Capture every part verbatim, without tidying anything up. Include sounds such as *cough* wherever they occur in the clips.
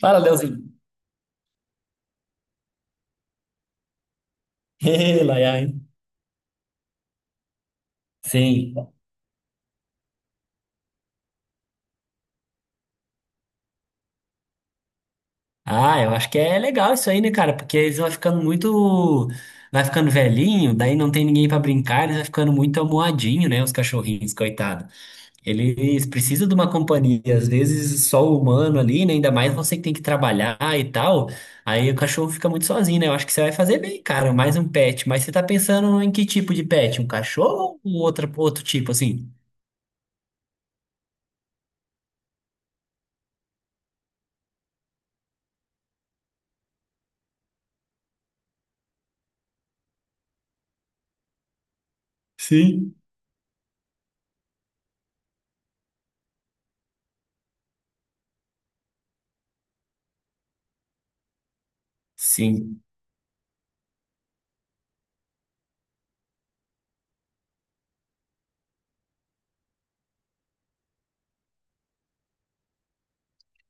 Fala, Leozinho. *laughs* Ê, Laia, hein? Sim. Ah, eu acho que é legal isso aí, né, cara? Porque eles vão ficando muito. Vai ficando velhinho, daí não tem ninguém pra brincar, eles vai ficando muito amuadinho, né? Os cachorrinhos, coitado. Eles precisam de uma companhia, às vezes só o humano ali, né? Ainda mais você que tem que trabalhar e tal. Aí o cachorro fica muito sozinho, né? Eu acho que você vai fazer bem, cara, mais um pet. Mas você tá pensando em que tipo de pet? Um cachorro ou outra, outro tipo, assim? Sim. Sim.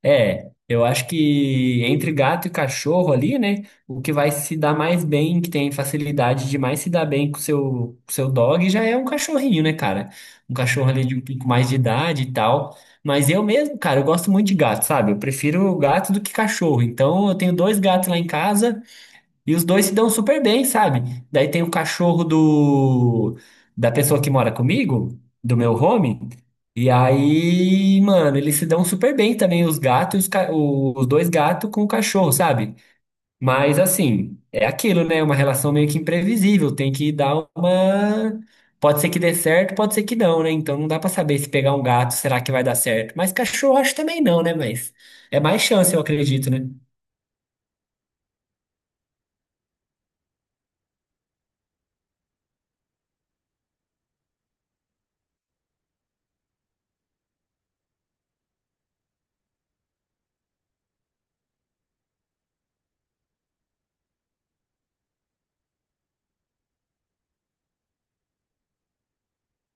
É, eu acho que entre gato e cachorro ali, né? O que vai se dar mais bem, que tem facilidade de mais se dar bem com o seu, com o seu dog, já é um cachorrinho, né, cara? Um cachorro ali de um pouco mais de idade e tal. Mas eu mesmo, cara, eu gosto muito de gato, sabe? Eu prefiro gato do que cachorro. Então eu tenho dois gatos lá em casa. E os dois se dão super bem, sabe? Daí tem o cachorro do da pessoa que mora comigo, do meu home. E aí, mano, eles se dão super bem também, os gatos, e os, ca- o- os dois gatos com o cachorro, sabe? Mas assim, é aquilo, né? Uma relação meio que imprevisível, tem que dar uma. Pode ser que dê certo, pode ser que não, né? Então não dá pra saber se pegar um gato, será que vai dar certo? Mas cachorro acho também não, né? Mas é mais chance, eu acredito, né?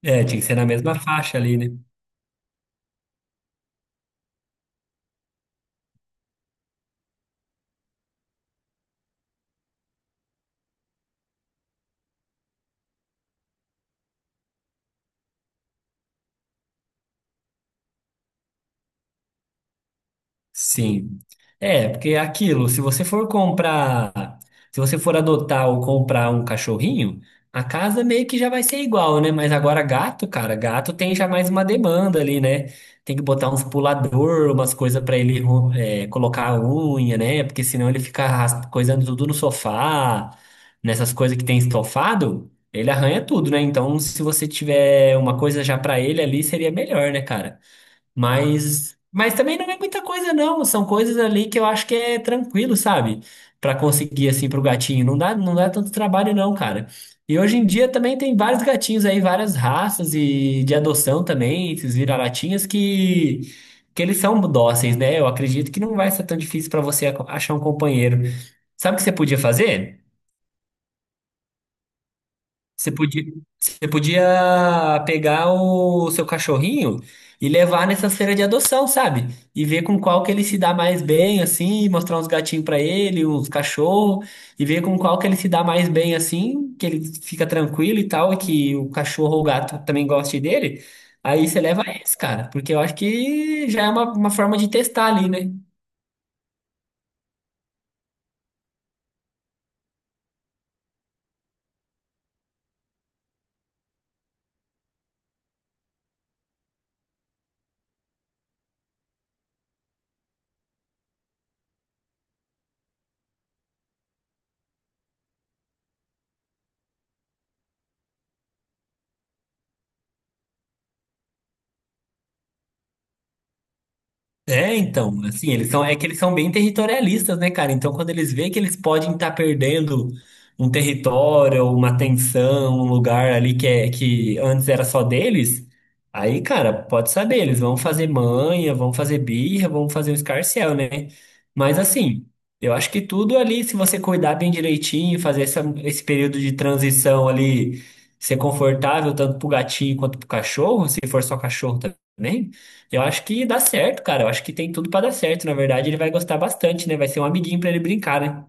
É, tinha que ser na mesma faixa ali, né? Sim. É, porque é aquilo, se você for comprar, se você for adotar ou comprar um cachorrinho, a casa meio que já vai ser igual, né? Mas agora gato, cara, gato tem já mais uma demanda ali, né? Tem que botar uns pulador, umas coisas pra ele ru- é, colocar a unha, né? Porque senão ele fica arras- coisando tudo no sofá, nessas coisas que tem estofado, ele arranha tudo, né? Então, se você tiver uma coisa já pra ele ali, seria melhor, né, cara? Mas, mas também não é muita coisa, não. São coisas ali que eu acho que é tranquilo, sabe? Pra conseguir, assim, pro gatinho. Não dá, não dá tanto trabalho, não, cara. E hoje em dia também tem vários gatinhos aí, várias raças e de adoção também, esses vira-latinhas que, que eles são dóceis, né? Eu acredito que não vai ser tão difícil pra você achar um companheiro. Sabe o que você podia fazer? Você podia, você podia pegar o seu cachorrinho e levar nessas feiras de adoção, sabe? E ver com qual que ele se dá mais bem, assim, mostrar uns gatinhos pra ele, uns cachorros, e ver com qual que ele se dá mais bem, assim, que ele fica tranquilo e tal, e que o cachorro ou o gato também goste dele. Aí você leva esse, cara, porque eu acho que já é uma, uma forma de testar ali, né? É, então, assim, eles são, é que eles são bem territorialistas, né, cara? Então, quando eles veem que eles podem estar perdendo um território, uma tensão, um lugar ali que, é, que antes era só deles, aí, cara, pode saber, eles vão fazer manha, vão fazer birra, vão fazer o escarcéu, né? Mas, assim, eu acho que tudo ali, se você cuidar bem direitinho, fazer essa, esse período de transição ali, ser confortável tanto pro gatinho quanto pro cachorro, se for só cachorro também. Eu acho que dá certo, cara. Eu acho que tem tudo pra dar certo. Na verdade, ele vai gostar bastante, né? Vai ser um amiguinho pra ele brincar, né?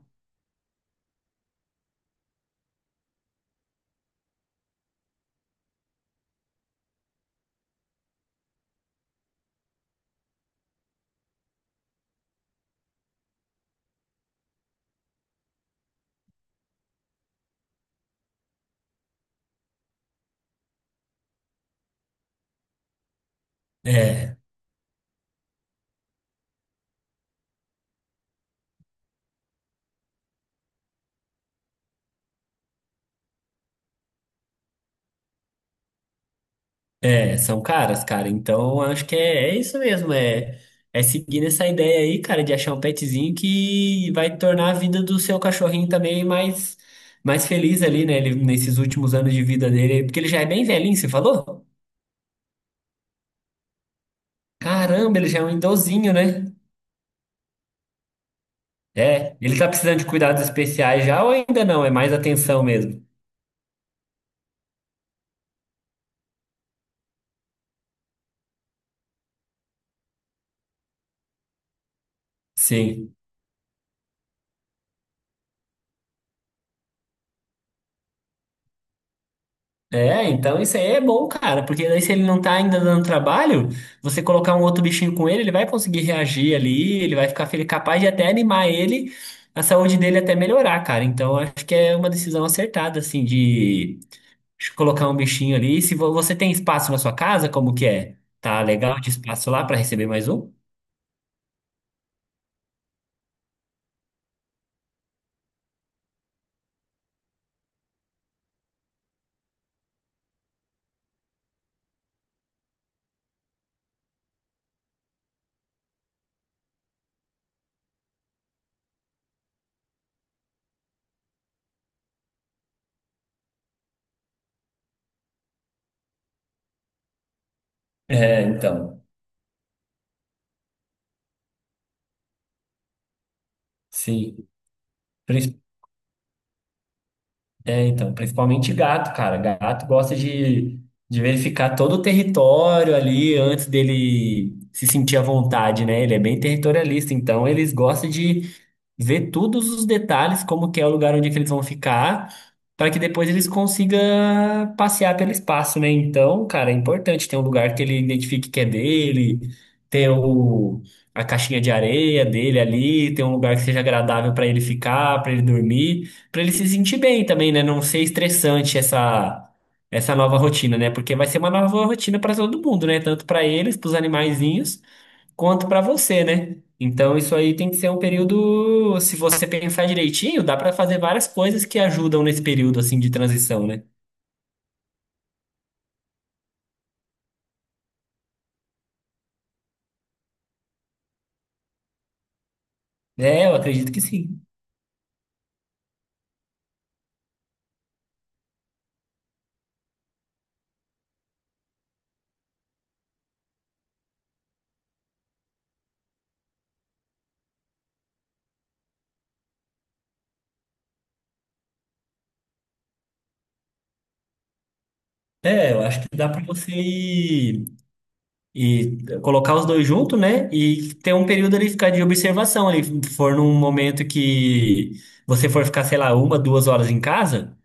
É, é, são caras, cara. Então, acho que é, é isso mesmo. É, é seguir essa ideia aí, cara, de achar um petzinho que vai tornar a vida do seu cachorrinho também mais, mais feliz ali, né? Ele, nesses últimos anos de vida dele. Porque ele já é bem velhinho, você falou? Caramba, ele já é um idosinho, né? É, ele tá precisando de cuidados especiais já ou ainda não? É mais atenção mesmo. Sim. É, então isso aí é bom, cara, porque daí se ele não tá ainda dando trabalho, você colocar um outro bichinho com ele, ele vai conseguir reagir ali, ele vai ficar feliz, capaz de até animar ele, a saúde dele até melhorar, cara. Então acho que é uma decisão acertada, assim, de colocar um bichinho ali. Se vo- você tem espaço na sua casa, como que é? Tá legal de espaço lá pra receber mais um? É, então, sim. É, então, principalmente gato, cara. Gato gosta de, de verificar todo o território ali antes dele se sentir à vontade, né? Ele é bem territorialista, então eles gostam de ver todos os detalhes, como que é o lugar onde é que eles vão ficar, para que depois eles consigam passear pelo espaço, né? Então, cara, é importante ter um lugar que ele identifique que é dele, ter o, a caixinha de areia dele ali, ter um lugar que seja agradável para ele ficar, para ele dormir, para ele se sentir bem também, né? Não ser estressante essa essa nova rotina, né? Porque vai ser uma nova rotina para todo mundo, né? Tanto para eles, para os animaizinhos, quanto para você, né? Então, isso aí tem que ser um período, se você pensar direitinho, dá para fazer várias coisas que ajudam nesse período assim de transição, né? É, eu acredito que sim. É, eu acho que dá para você ir, ir colocar os dois juntos, né? E ter um período ali ficar de observação ali, se for num momento que você for ficar, sei lá, uma, duas horas em casa.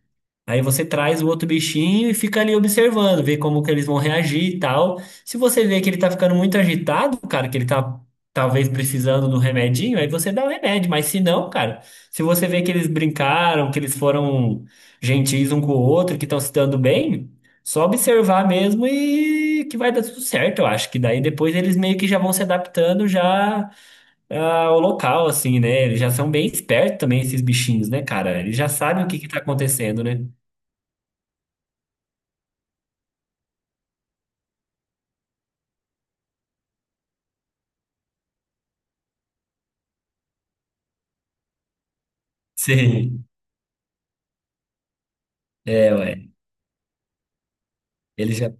Aí você traz o outro bichinho e fica ali observando, vê como que eles vão reagir e tal. Se você vê que ele tá ficando muito agitado, cara, que ele tá talvez precisando do remedinho, aí você dá o remédio. Mas se não, cara, se você vê que eles brincaram, que eles foram gentis um com o outro, que estão se dando bem, só observar mesmo e que vai dar tudo certo, eu acho. Que daí depois eles meio que já vão se adaptando já ah, ao local, assim, né? Eles já são bem espertos também, esses bichinhos, né, cara? Eles já sabem o que que tá acontecendo, né? Sim, é, ué. Ele já.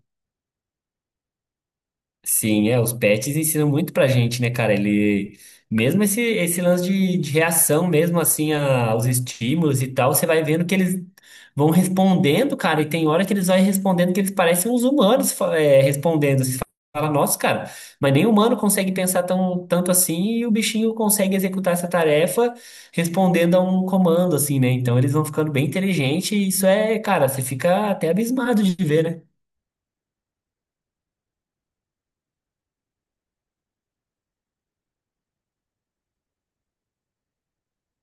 Sim, é, os pets ensinam muito pra gente, né, cara? Ele. Mesmo esse, esse lance de, de reação, mesmo assim, a- aos estímulos e tal, você vai vendo que eles vão respondendo, cara, e tem hora que eles vão respondendo que eles parecem uns humanos, fa- é, respondendo. Você fala, nossa, cara, mas nem humano consegue pensar tão, tanto assim, e o bichinho consegue executar essa tarefa respondendo a um comando, assim, né? Então eles vão ficando bem inteligentes, e isso é, cara, você fica até abismado de ver, né?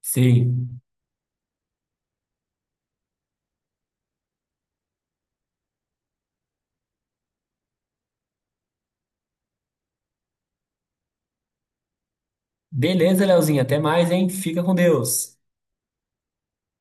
Sim. Beleza, Leozinho. Até mais, hein? Fica com Deus.